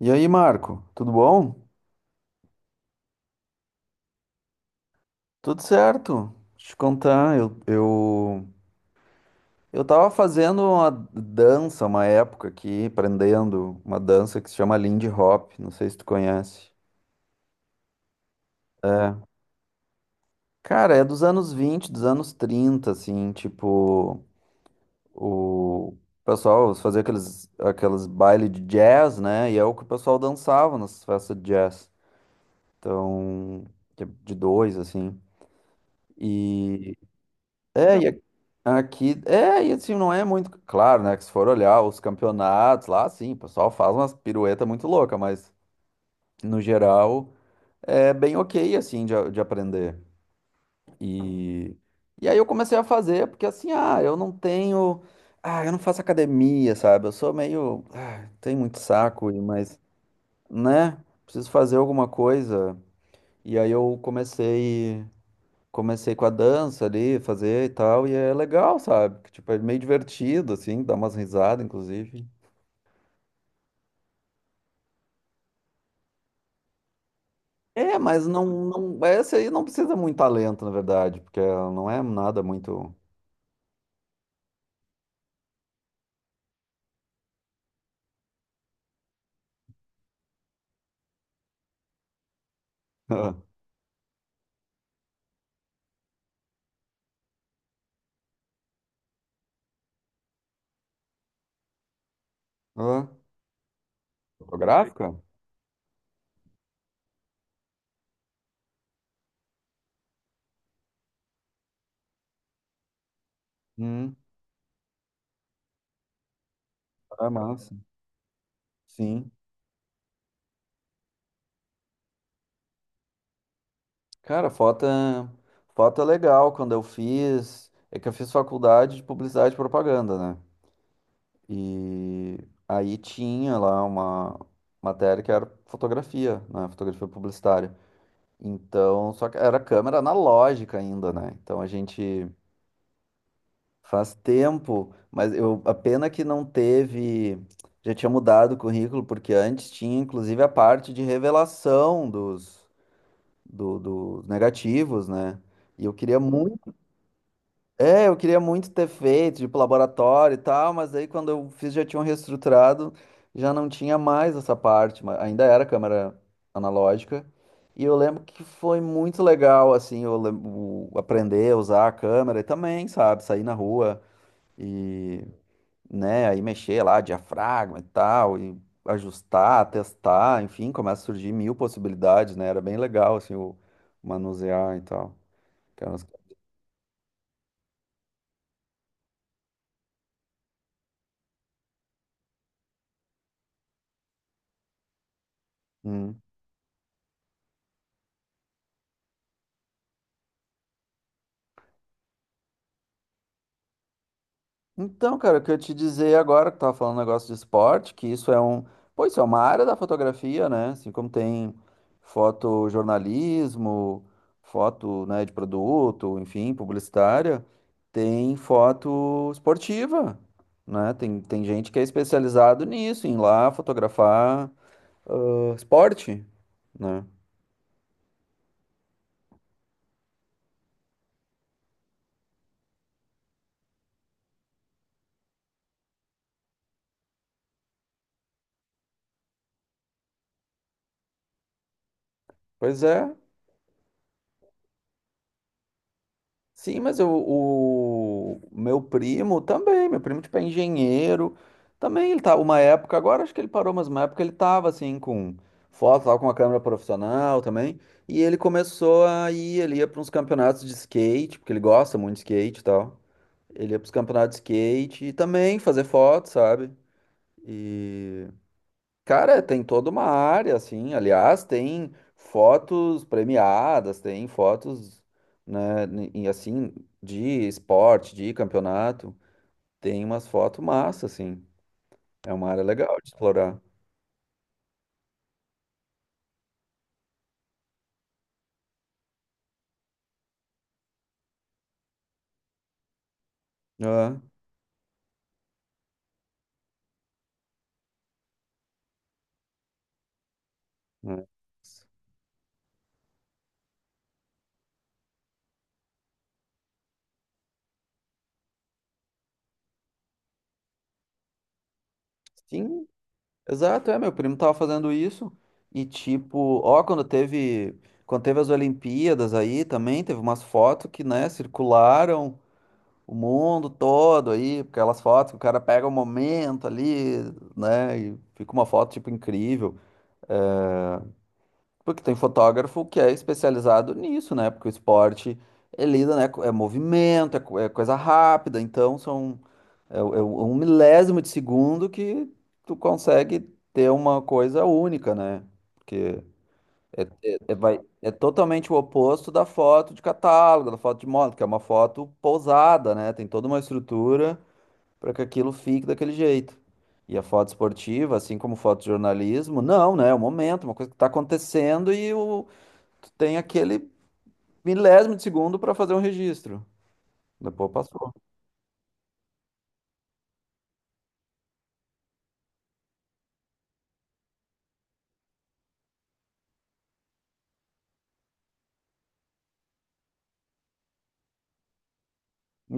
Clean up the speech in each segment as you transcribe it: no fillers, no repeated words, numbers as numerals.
E aí, Marco, tudo bom? Tudo certo. Deixa eu te contar, eu tava fazendo uma dança uma época aqui, aprendendo uma dança que se chama Lindy Hop, não sei se tu conhece. Cara, é dos anos 20, dos anos 30, assim, tipo, o pessoal fazia aqueles bailes de jazz, né? E é o que o pessoal dançava nas festas de jazz. Então, de dois, assim. e É, e aqui, e assim, não é muito claro, né? Que se for olhar os campeonatos lá, sim, o pessoal faz umas piruetas muito loucas, mas no geral é bem ok, assim, de, de aprender. E, e aí eu comecei a fazer, porque assim, eu não tenho, eu não faço academia, sabe? Eu sou meio, tenho muito saco, mas, né? Preciso fazer alguma coisa. E aí eu comecei com a dança ali, fazer e tal, e é legal, sabe? Que, tipo, é meio divertido, assim, dá umas risadas, inclusive. É, mas não, não, essa aí não precisa muito talento, na verdade, porque ela não é nada muito… Ah, ah, fotográfica. Hum, é massa. Sim. Cara, foto, foto é legal. Quando eu fiz, é que eu fiz faculdade de publicidade e propaganda, né? E aí tinha lá uma matéria que era fotografia, né? Fotografia publicitária. Então, só que era câmera analógica ainda, né? Então a gente… faz tempo, mas eu, a pena que não teve, já tinha mudado o currículo, porque antes tinha inclusive a parte de revelação dos, dos negativos, né? E eu queria muito, eu queria muito ter feito, tipo, laboratório e tal, mas aí quando eu fiz já tinham reestruturado, já não tinha mais essa parte, mas ainda era câmera analógica. E eu lembro que foi muito legal, assim, aprender a usar a câmera e também, sabe, sair na rua e, né, aí mexer lá, diafragma e tal, e ajustar, testar, enfim, começa a surgir mil possibilidades, né, era bem legal, assim, o manusear e tal. Que eram. Hum. Então, cara, o que eu te dizer agora, que tu tava falando um negócio de esporte, que isso é um, pô, isso é uma área da fotografia, né? Assim como tem fotojornalismo, foto, né, de produto, enfim, publicitária, tem foto esportiva, né? Tem gente que é especializado nisso, em ir lá fotografar, ah, esporte, né? Pois é. Sim, mas o meu primo também, meu primo tipo é engenheiro, também ele tá uma época, agora acho que ele parou, mas uma época ele tava assim com foto, tava com uma câmera profissional também, e ele começou a ir, ele ia para uns campeonatos de skate, porque ele gosta muito de skate e tal. Ele ia para os campeonatos de skate e também fazer foto, sabe? E, cara, tem toda uma área, assim. Aliás, tem fotos premiadas, tem fotos, né, e assim, de esporte, de campeonato. Tem umas fotos massa, assim. É uma área legal de explorar. Ah, né. Sim, exato. É, meu primo tava fazendo isso. E tipo, ó, quando teve as Olimpíadas aí também, teve umas fotos que, né, circularam o mundo todo aí, porque aquelas fotos que o cara pega o momento ali, né? E fica uma foto, tipo, incrível. Porque tem fotógrafo que é especializado nisso, né? Porque o esporte, ele lida, né? É movimento, é, é coisa rápida, então são… É, um milésimo de segundo que tu consegue ter uma coisa única, né? Porque vai, é totalmente o oposto da foto de catálogo, da foto de moda, que é uma foto pousada, né? Tem toda uma estrutura para que aquilo fique daquele jeito. E a foto esportiva, assim como foto de jornalismo, não, né? É o momento, uma coisa que está acontecendo e o, tu tem aquele milésimo de segundo para fazer um registro. Depois passou.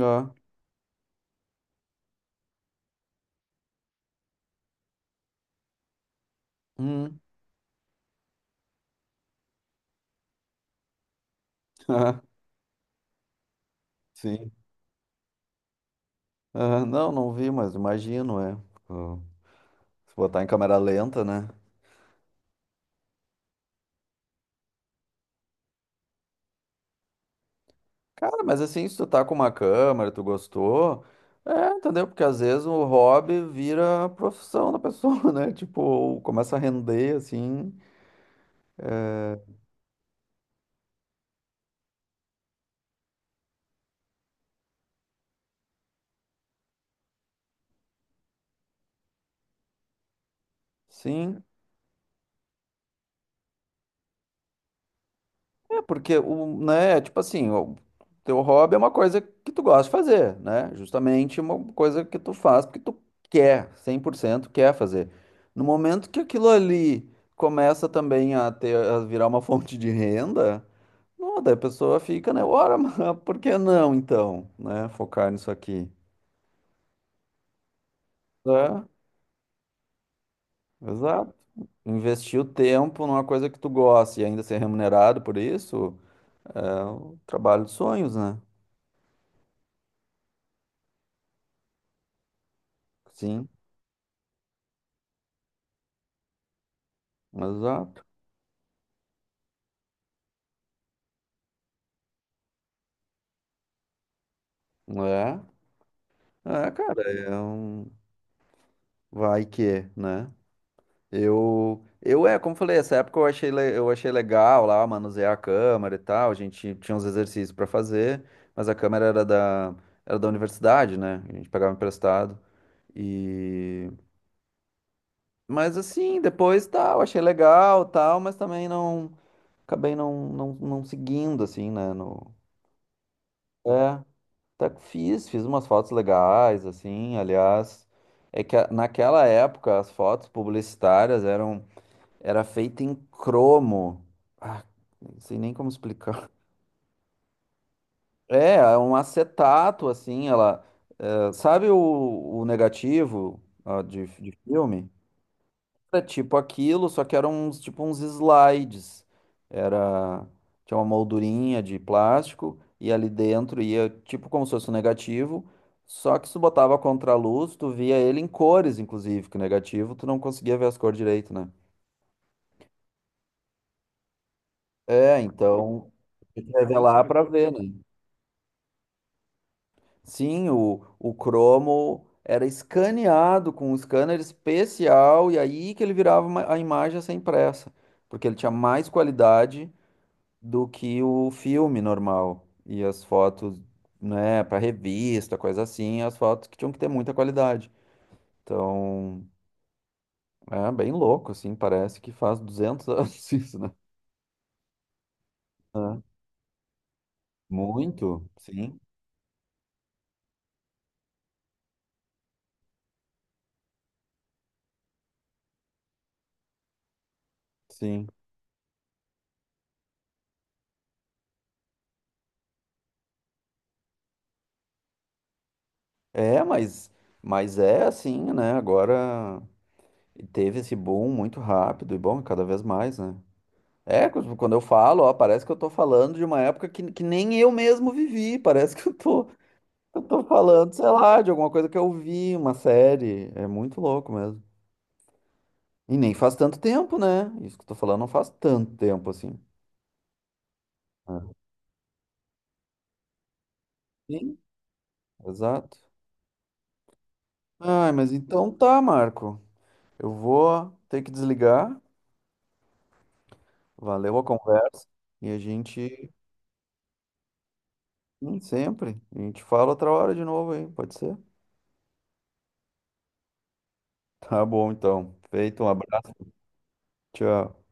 Ah. Hum. Ah, sim. Ah, não, não vi, mas imagino, é. Ah, Se botar em câmera lenta, né? Cara, mas assim, se tu tá com uma câmera, tu gostou, é, entendeu? Porque às vezes o hobby vira a profissão da pessoa, né? Tipo, começa a render, assim. É. Sim, é porque o, né, tipo assim, o teu hobby é uma coisa que tu gosta de fazer, né? Justamente uma coisa que tu faz porque tu quer, 100% quer fazer. No momento que aquilo ali começa também a ter, a virar uma fonte de renda, não, daí a pessoa fica, né? Ora, mas por que não então, né? Focar nisso aqui. É, exato. Investir o tempo numa coisa que tu gosta e ainda ser remunerado por isso, é o trabalho dos sonhos, né? Sim. Exato. É, cara, é um vai que, né? Como falei, essa época eu achei, eu achei legal lá, manusear a câmera e tal, a gente tinha uns exercícios pra fazer, mas a câmera era era da universidade, né? A gente pegava emprestado e… Mas assim, depois tal, achei legal tal, mas também não, acabei não seguindo, assim, né? No… É. Tá, fiz umas fotos legais, assim, aliás. É que naquela época as fotos publicitárias era feita em cromo. Ah, não sei nem como explicar. É, é um acetato, assim, ela. Sabe o negativo, ó, de filme? Era tipo aquilo, só que eram uns, tipo uns slides. Era, tinha uma moldurinha de plástico e ali dentro ia tipo como se fosse um negativo, só que se tu botava a contraluz, tu via ele em cores, inclusive, que o negativo tu não conseguia ver as cores direito, né? É, então revelar para ver, né? Sim, o cromo era escaneado com um scanner especial e aí que ele virava a imagem a ser impressa, porque ele tinha mais qualidade do que o filme normal. E as fotos, né, para revista, coisa assim, as fotos que tinham que ter muita qualidade. Então, é bem louco, assim, parece que faz 200 anos isso, né? É. Muito, sim, sim. É, mas é assim, né? Agora teve esse boom muito rápido e bom, cada vez mais, né? É, quando eu falo, ó, parece que eu tô falando de uma época que nem eu mesmo vivi, parece que eu tô falando, sei lá, de alguma coisa que eu vi, uma série. É muito louco mesmo. E nem faz tanto tempo, né? Isso que eu tô falando não faz tanto tempo assim. É. Sim, exato. Ai, mas então tá, Marco. Eu vou ter que desligar. Valeu a conversa. E a gente, sempre, a gente fala outra hora de novo aí, pode ser? Tá bom, então. Feito, um abraço. Tchau.